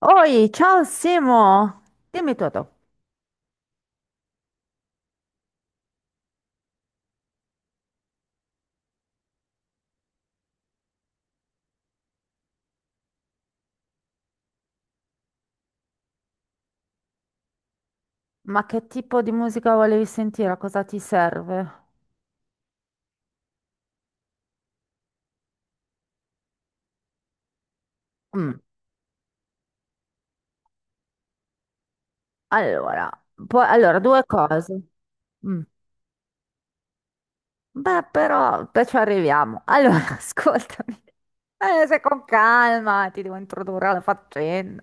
Oi, ciao Simo! Dimmi tutto. Ma che tipo di musica volevi sentire? Cosa ti serve? Mm, Allora, allora, due cose. Mm. Beh, però, beh, ci arriviamo. Allora, ascoltami. Se con calma ti devo introdurre alla faccenda.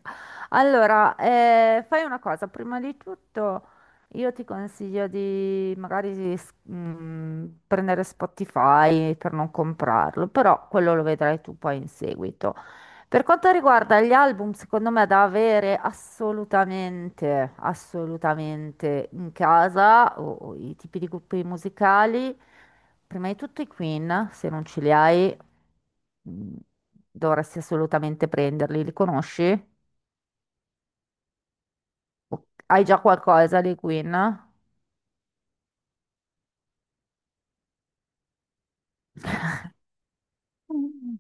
Allora, fai una cosa. Prima di tutto, io ti consiglio di magari di prendere Spotify per non comprarlo, però quello lo vedrai tu poi in seguito. Per quanto riguarda gli album, secondo me da avere assolutamente, assolutamente in casa o i tipi di gruppi musicali, prima di tutto i Queen, se non ce li hai, mh, dovresti assolutamente prenderli. Li conosci? Hai già qualcosa dei Queen?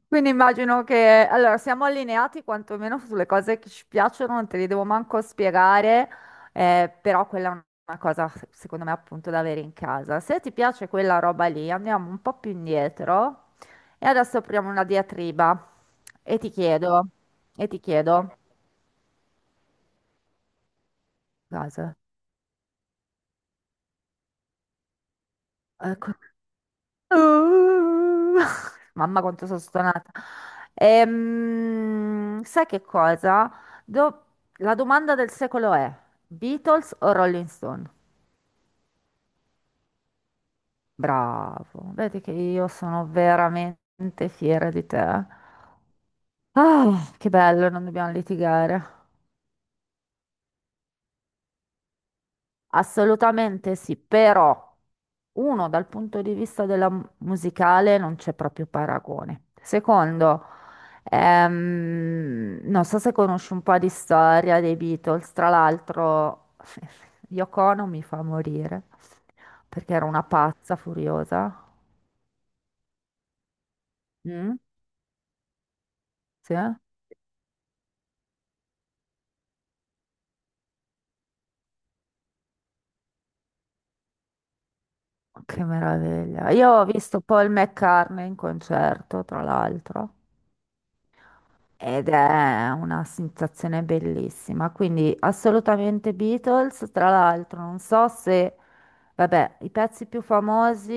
Quindi immagino che, allora, siamo allineati quantomeno sulle cose che ci piacciono, non te le devo manco spiegare, però quella è una cosa, secondo me, appunto da avere in casa. Se ti piace quella roba lì, andiamo un po' più indietro e adesso apriamo una diatriba e ti chiedo, e ti chiedo, cosa? Ecco. Uh, Mamma quanto sono stonata. Sai che cosa? Do- La domanda del secolo è Beatles o Rolling Stone? Bravo, vedi che io sono veramente fiera di te. Ah, che bello, non dobbiamo litigare. Assolutamente sì, però uno, dal punto di vista della musicale non c'è proprio paragone. Secondo, non so se conosci un po' di storia dei Beatles, tra l'altro Yoko Ono mi fa morire perché era una pazza furiosa. Mm? Sì? Che meraviglia. Io ho visto Paul McCartney in concerto, tra l'altro. Ed è una sensazione bellissima, quindi assolutamente Beatles. Tra l'altro, non so se, vabbè, i pezzi più famosi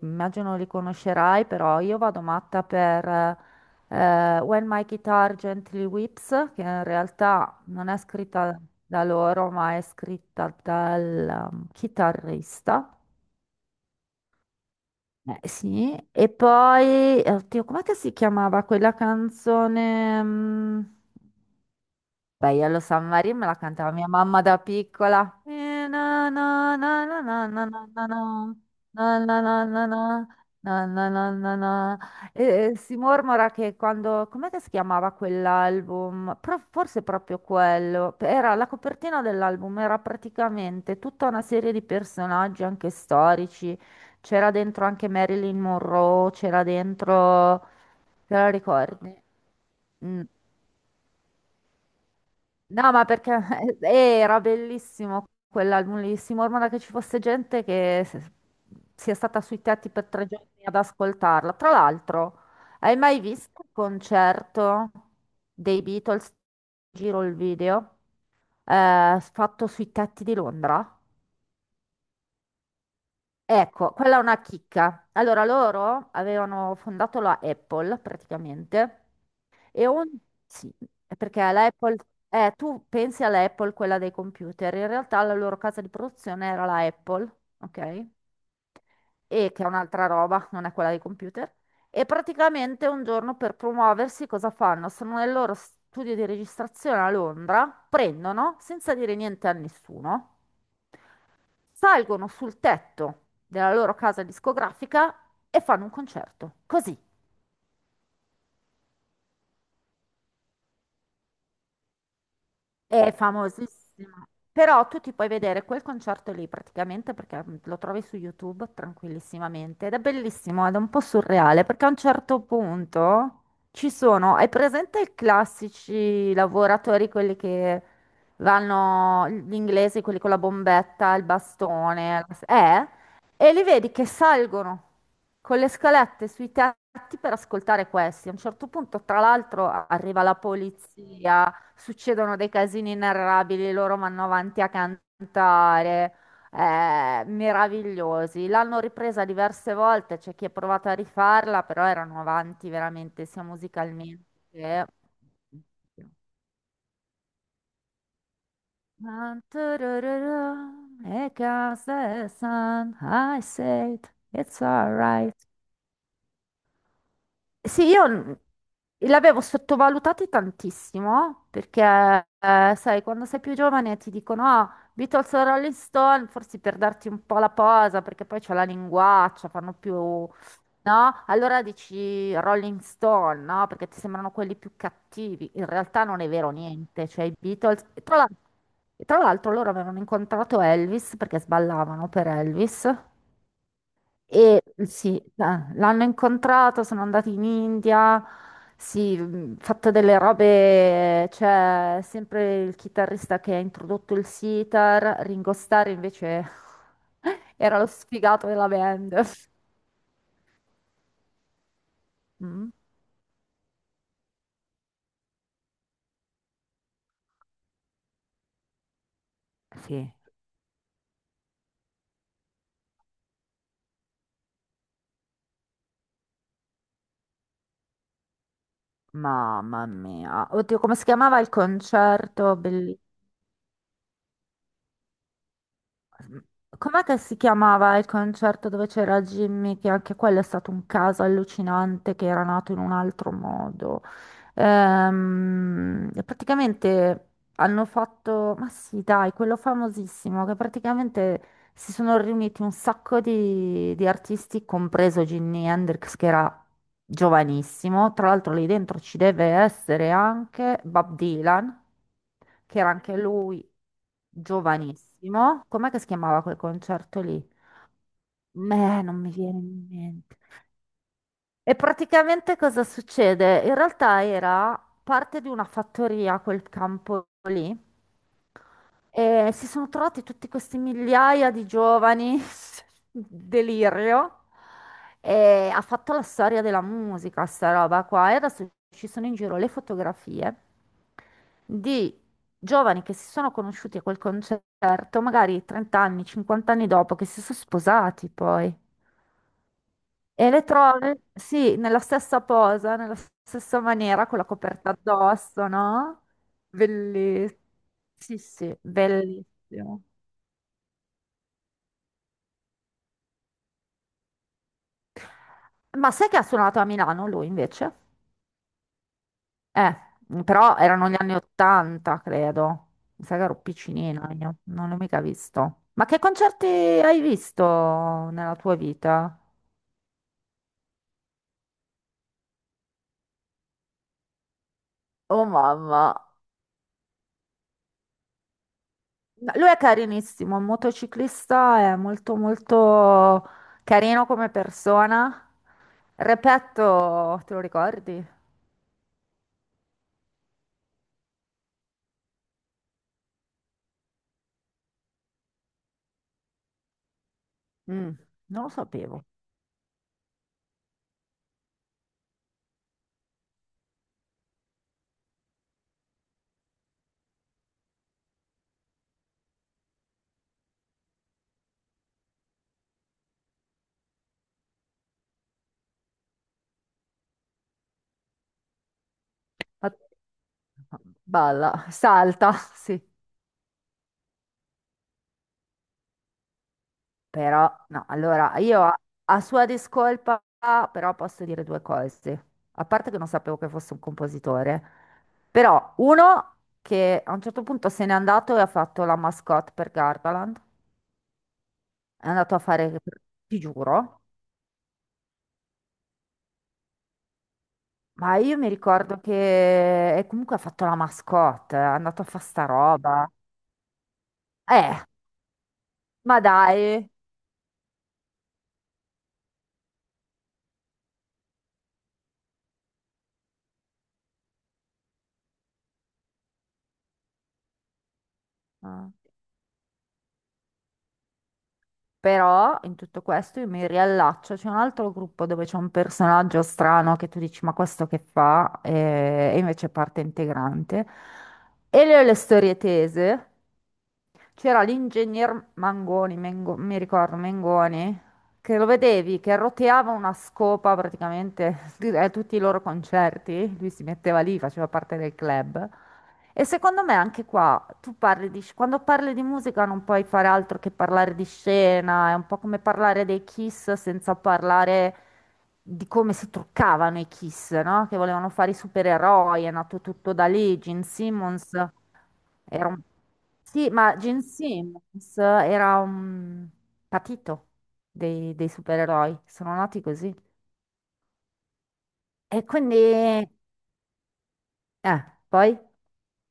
immagino li conoscerai, però io vado matta per When My Guitar Gently Weeps, che in realtà non è scritta da loro, ma è scritta dal chitarrista. Sì, e poi, oddio, com'è che si chiamava quella canzone? Beh, io lo San Marino me la cantava mia mamma da piccola. Na, na, na, na, na, na, na, na, na, na, na, na, na, na, na, na, na. E, si mormora che quando... Com'è che si chiamava quell'album? Forse proprio quello. Era la copertina dell'album, era praticamente tutta una serie di personaggi anche storici. C'era dentro anche Marilyn Monroe, c'era dentro... Te la ricordi? Mm. No, ma perché eh, era bellissimo quell'album lì, si mormora che ci fosse gente che se- sia stata sui teatri per 3 giorni ad ascoltarla. Tra l'altro, hai mai visto il concerto dei Beatles? Giro il video, fatto sui tetti di Londra. Ecco, quella è una chicca. Allora, loro avevano fondato la Apple praticamente. E on- sì, perché l'Apple, tu pensi all'Apple, quella dei computer, in realtà la loro casa di produzione era la Apple, ok? E che è un'altra roba, non è quella dei computer. E praticamente un giorno per promuoversi cosa fanno? Sono nel loro studio di registrazione a Londra, prendono, senza dire niente a nessuno, salgono sul tetto della loro casa discografica e fanno un concerto. Così. È famosissimo. Però tu ti puoi vedere quel concerto lì praticamente perché lo trovi su YouTube tranquillissimamente ed è bellissimo ed è un po' surreale perché a un certo punto ci sono, hai presente i classici lavoratori, quelli che vanno, gli inglesi, quelli con la bombetta, il bastone, eh? E li vedi che salgono con le scalette sui tetti per ascoltare questi. A un certo punto, tra l'altro, arriva la polizia, succedono dei casini inarrabili, loro vanno avanti a cantare, meravigliosi. L'hanno ripresa diverse volte, c'è chi ha provato a rifarla, però erano avanti veramente sia musicalmente. And turururu, here comes the sun, I said, it's alright. Sì, l'avevo sottovalutato tantissimo perché, sai, quando sei più giovane ti dicono, ah, Beatles o Rolling Stone, forse per darti un po' la posa, perché poi c'è la linguaccia, fanno più, no? Allora dici Rolling Stone, no? Perché ti sembrano quelli più cattivi. In realtà non è vero niente, cioè i Beatles... e e tra l'altro loro avevano incontrato Elvis perché sballavano per Elvis. E sì, l'hanno incontrato, sono andati in India, sì, fatto delle robe, c'è sempre il chitarrista che ha introdotto il sitar, Ringo Starr invece era lo sfigato della band. Mm, Sì, mamma mia. Oddio, come si chiamava il concerto? Com'è che si chiamava il concerto dove c'era Jimmy? Che anche quello è stato un caso allucinante che era nato in un altro modo. Praticamente hanno fatto, ma sì, dai, quello famosissimo che praticamente si sono riuniti un sacco di artisti, compreso Jimi Hendrix che era giovanissimo. Tra l'altro lì dentro ci deve essere anche Bob Dylan che era anche lui giovanissimo. Com'è che si chiamava quel concerto lì? Meh, non mi viene in mente. E praticamente cosa succede? In realtà era parte di una fattoria quel campo lì. E si sono trovati tutti questi migliaia di giovani, delirio, e ha fatto la storia della musica, sta roba qua. E adesso ci sono in giro le fotografie di giovani che si sono conosciuti a quel concerto, magari 30 anni, 50 anni dopo, che si sono sposati poi. E le trovi, sì, nella stessa posa, nella stessa maniera, con la coperta addosso, no? Bellissimo. Sì, sì, bellissimo. Ma sai che ha suonato a Milano lui invece? Eh, però erano gli anni 80, credo. Mi sa che ero piccinina io, non l'ho mica visto. Ma che concerti hai visto nella tua vita? Oh mamma. Ma lui è carinissimo, è un motociclista, è molto molto carino come persona. Repetto, te lo ricordi? Mm, non lo sapevo. Ma- Balla, salta, sì. Però, no, allora a sua discolpa, però posso dire due cose. A parte che non sapevo che fosse un compositore, però uno che a un certo punto se n'è andato e ha fatto la mascotte per Gardaland, è andato a fare, ti giuro, ma io mi ricordo che e comunque ha fatto la mascotte, è andato a fare sta roba. Eh, ma dai. Ah. Però in tutto questo io mi riallaccio, c'è un altro gruppo dove c'è un personaggio strano che tu dici ma questo che fa? E invece è parte integrante. E le ho le storie tese, c'era l'ingegner Mangoni, mi ricordo, Mengoni, che lo vedevi, che roteava una scopa praticamente a tutti i loro concerti. Lui si metteva lì, faceva parte del club. E secondo me anche qua, tu parli quando parli di musica non puoi fare altro che parlare di scena, è un po' come parlare dei Kiss senza parlare di come si truccavano i Kiss, no? Che volevano fare i supereroi, è nato tutto da lì, Gene Simmons. Era un... Sì, ma Gene Simmons era un patito dei supereroi, sono nati così. E quindi, poi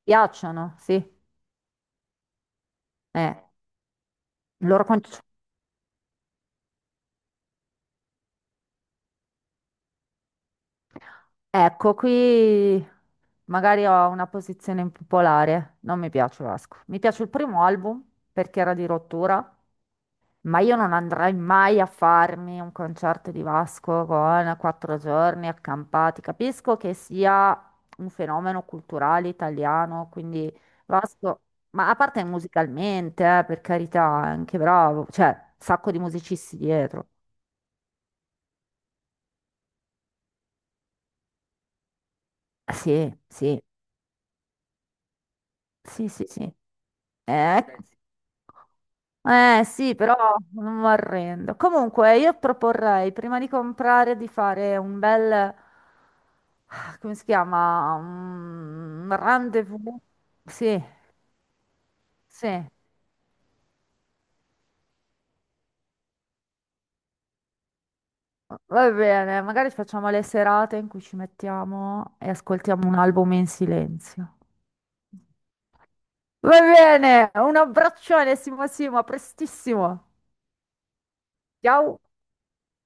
piacciono, sì. Eh, il loro ecco, qui magari ho una posizione impopolare, non mi piace Vasco. Mi piace il primo album perché era di rottura. Ma io non andrei mai a farmi un concerto di Vasco con 4 giorni accampati. Capisco che sia un fenomeno culturale italiano, quindi Vasco, ma a parte musicalmente, per carità, è anche bravo, cioè, sacco di musicisti dietro. Eh sì, sì, sì, sì, sì. Beh, ecco. Eh sì, però non mi arrendo. Comunque, io proporrei prima di comprare di fare un bel, ah, come si chiama? Un rendezvous. Sì, sì. Va bene, magari facciamo le serate in cui ci mettiamo e ascoltiamo un album in silenzio. Va bene, un abbraccione, Simo Simo, a prestissimo. Ciao.